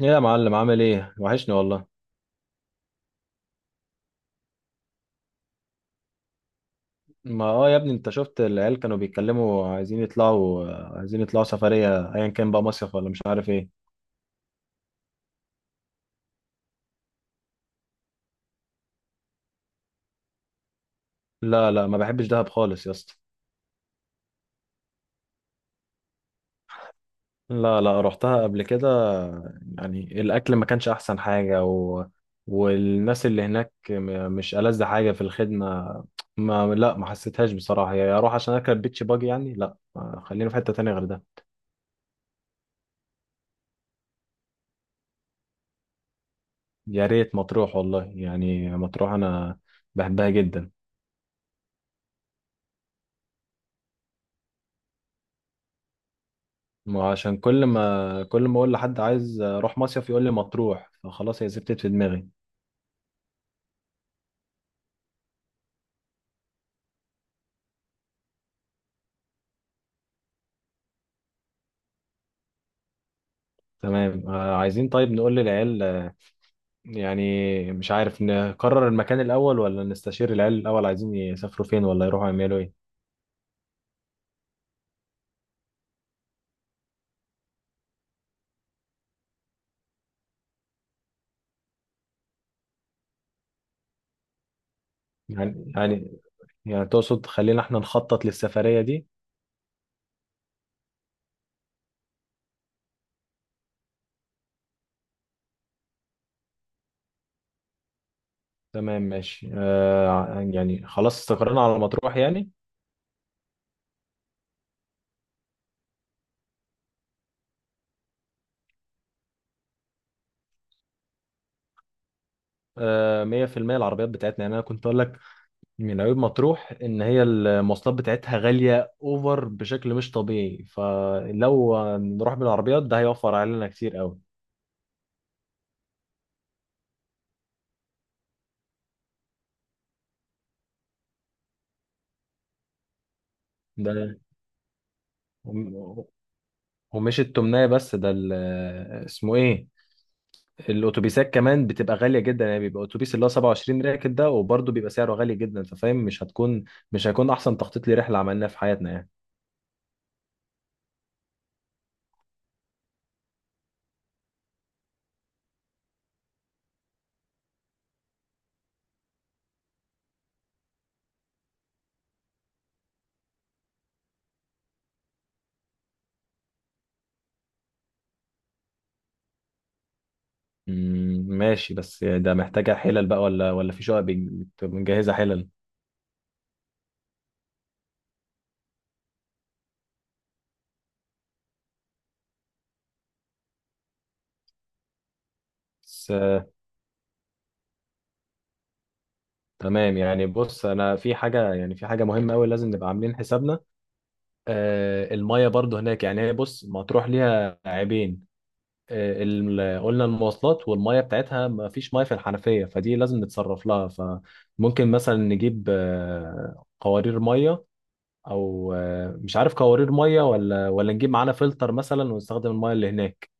ايه يا معلم، عامل ايه؟ وحشني والله. ما يا ابني، انت شفت العيال كانوا بيتكلموا عايزين يطلعوا، عايزين يطلعوا سفرية ايا كان بقى، مصيف ولا مش عارف ايه. لا لا، ما بحبش دهب خالص يا اسطى. لا لا، رحتها قبل كده. يعني الاكل ما كانش احسن حاجة والناس اللي هناك مش ألذ حاجة في الخدمة. ما لا، ما حسيتهاش بصراحة، يا اروح عشان اركب بيتش باجي يعني؟ لا، خلينا في حتة تانية غير ده. يا ريت مطروح والله، يعني مطروح انا بحبها جدا. ما عشان كل ما اقول لحد عايز اروح مصيف يقول لي مطروح، فخلاص هي زبطت في دماغي. تمام آه، عايزين طيب نقول للعيال، آه، يعني مش عارف نقرر المكان الاول ولا نستشير العيال الاول، عايزين يسافروا فين ولا يروحوا يعملوا ايه. يعني يعني تقصد خلينا احنا نخطط للسفرية دي. تمام ماشي آه، يعني خلاص استقرينا على مطروح يعني. آه، 100%. العربيات بتاعتنا، يعني انا كنت اقول لك من عيوب مطروح ان هي المواصلات بتاعتها غاليه اوفر بشكل مش طبيعي، فلو نروح بالعربيات ده هيوفر علينا كتير قوي. ده وم- ومش التمنية بس، ده اسمه ايه، الاتوبيسات كمان بتبقى غاليه جدا، يعني بيبقى اتوبيس اللي هو 27 راكب ده وبرضه بيبقى سعره غالي جدا، ففاهم مش هتكون، مش هيكون احسن تخطيط لرحله عملناها في حياتنا يعني. مم، ماشي، بس ده محتاجه حلل بقى ولا في شقق بنجهزها حلل؟ بس تمام، يعني بص انا في حاجه، يعني في حاجه مهمه قوي لازم نبقى عاملين حسابنا. آه الميه برضو هناك، يعني هي بص مطروح ليها عيبين، آه، قلنا المواصلات، والميه بتاعتها ما فيش ميه في الحنفيه، فدي لازم نتصرف لها، فممكن مثلا نجيب آه قوارير ميه، او آه مش عارف، قوارير ميه ولا نجيب معانا فلتر مثلا ونستخدم الميه اللي هناك.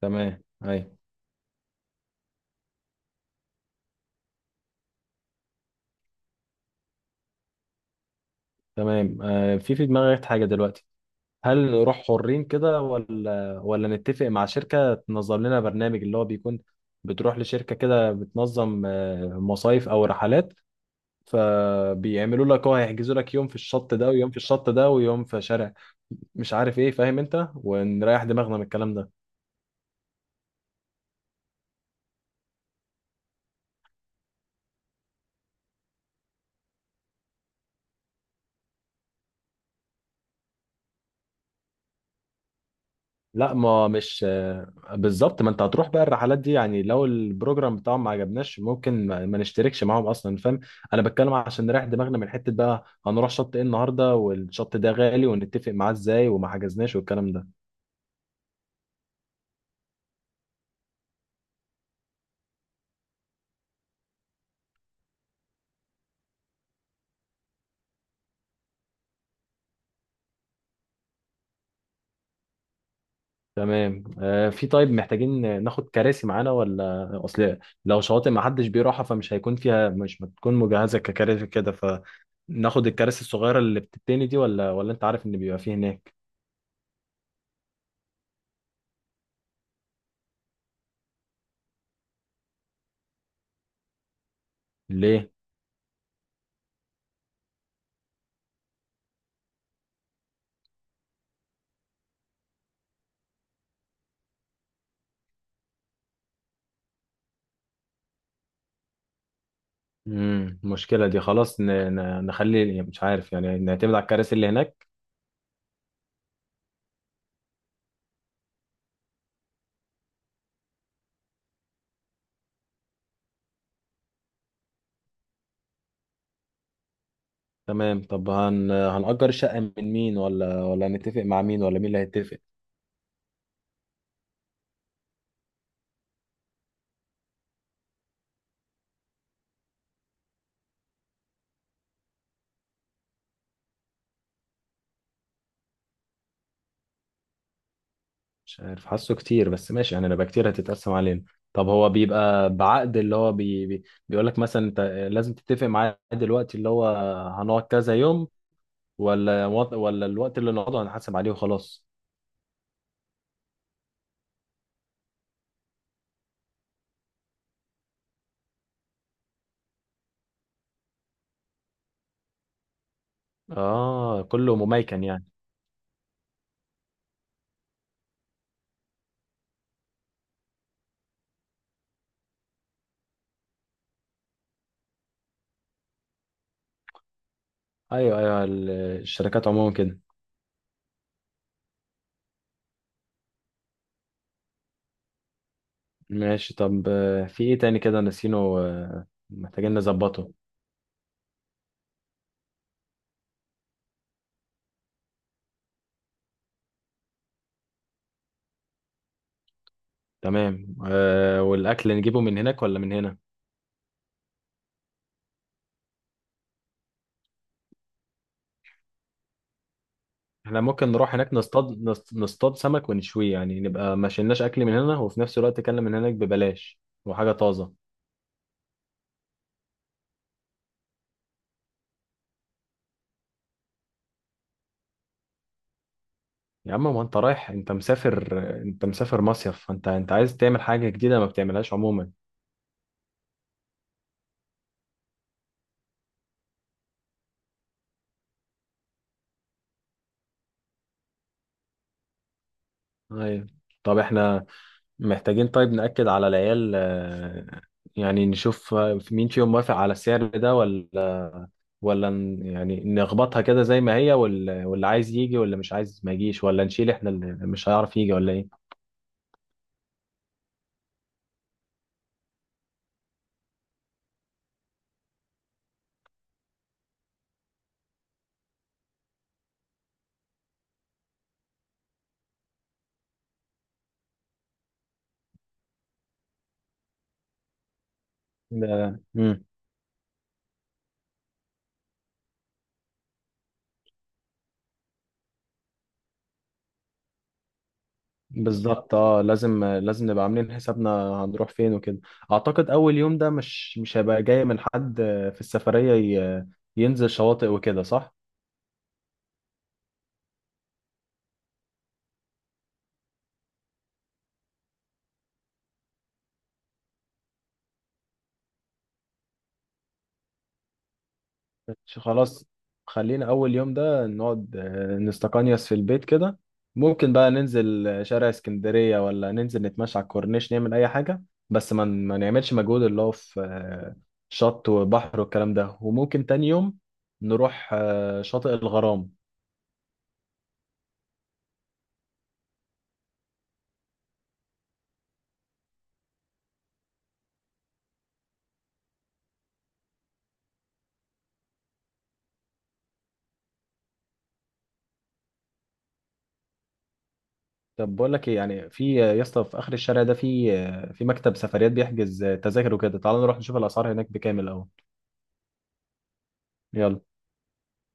تمام اي. تمام آه، في دماغي حاجه دلوقتي، هل نروح حرين كده ولا نتفق مع شركة تنظم لنا برنامج؟ اللي هو بيكون بتروح لشركة كده بتنظم آه، مصايف أو رحلات، فبيعملوا لك، هو هيحجزوا لك يوم في الشط ده ويوم في الشط ده ويوم في شارع مش عارف ايه، فاهم انت، ونريح دماغنا من الكلام ده. لا ما مش آه، بالظبط، ما انت هتروح بقى الرحلات دي يعني، لو البروجرام بتاعهم ما عجبناش ممكن ما نشتركش معاهم اصلا، فاهم؟ انا بتكلم عشان نريح دماغنا من حتة بقى هنروح شط ايه النهارده والشط ده غالي ونتفق معاه ازاي وما حجزناش والكلام ده. تمام آه، في، طيب محتاجين ناخد كراسي معانا ولا؟ اصل لو شواطئ ما حدش بيروحها فمش هيكون فيها، مش بتكون مجهزة ككراسي كده، فناخد الكراسي الصغيرة اللي بتتني دي ولا انت عارف ان بيبقى فيه هناك. ليه؟ امم، المشكله دي خلاص نخلي، يعني مش عارف، يعني نعتمد على الكراسي اللي هناك. تمام، طب هنأجر الشقه من مين ولا هنتفق مع مين، ولا مين اللي هيتفق؟ مش عارف، حاسه كتير بس ماشي يعني، هنبقى كتير هتتقسم علينا. طب هو بيبقى بعقد اللي هو بيقول لك مثلا انت لازم تتفق معاه دلوقتي اللي هو هنقعد كذا يوم، ولا الوقت اللي نقعده هنحاسب عليه وخلاص؟ اه كله مميكن يعني. ايوه ايوه، الشركات عموما كده. ماشي طب، آه، في ايه تاني كده نسينه، آه محتاجين نظبطه. تمام آه، والاكل نجيبه من هناك ولا من هنا؟ احنا ممكن نروح هناك نصطاد، نصطاد سمك ونشويه، يعني نبقى ما شلناش اكل من هنا وفي نفس الوقت اكل من هناك ببلاش وحاجه طازه. يا عم ما انت رايح، انت مسافر، انت مسافر مصيف، فانت انت عايز تعمل حاجه جديده ما بتعملهاش عموما. ايوه. طب احنا محتاجين طيب نأكد على العيال، آه، يعني نشوف آه، مين فيهم موافق على السعر ده ولا، يعني نخبطها كده زي ما هي، واللي عايز يجي واللي مش عايز ما يجيش، ولا نشيل احنا اللي مش هيعرف يجي ولا ايه؟ مم. بالظبط، اه لازم لازم نبقى عاملين حسابنا هنروح فين وكده. اعتقد اول يوم ده مش مش هيبقى جاي من حد آه، في السفرية، ي- ينزل شواطئ وكده، صح؟ ماشي، خلاص، خلينا أول يوم ده نقعد آه، نستقنيس في البيت كده، ممكن بقى ننزل آه، شارع اسكندرية ولا ننزل نتمشى على الكورنيش نعمل أي حاجة، بس ما نعملش مجهود اللي هو في آه، شط وبحر والكلام ده. وممكن تاني يوم نروح آه، شاطئ الغرام. طب بقول لك ايه، يعني في آه، يا اسطى في آخر الشارع ده في آه، في مكتب سفريات بيحجز آه، تذاكر وكده، تعال نروح نشوف الأسعار هناك بكام الأول. يلا.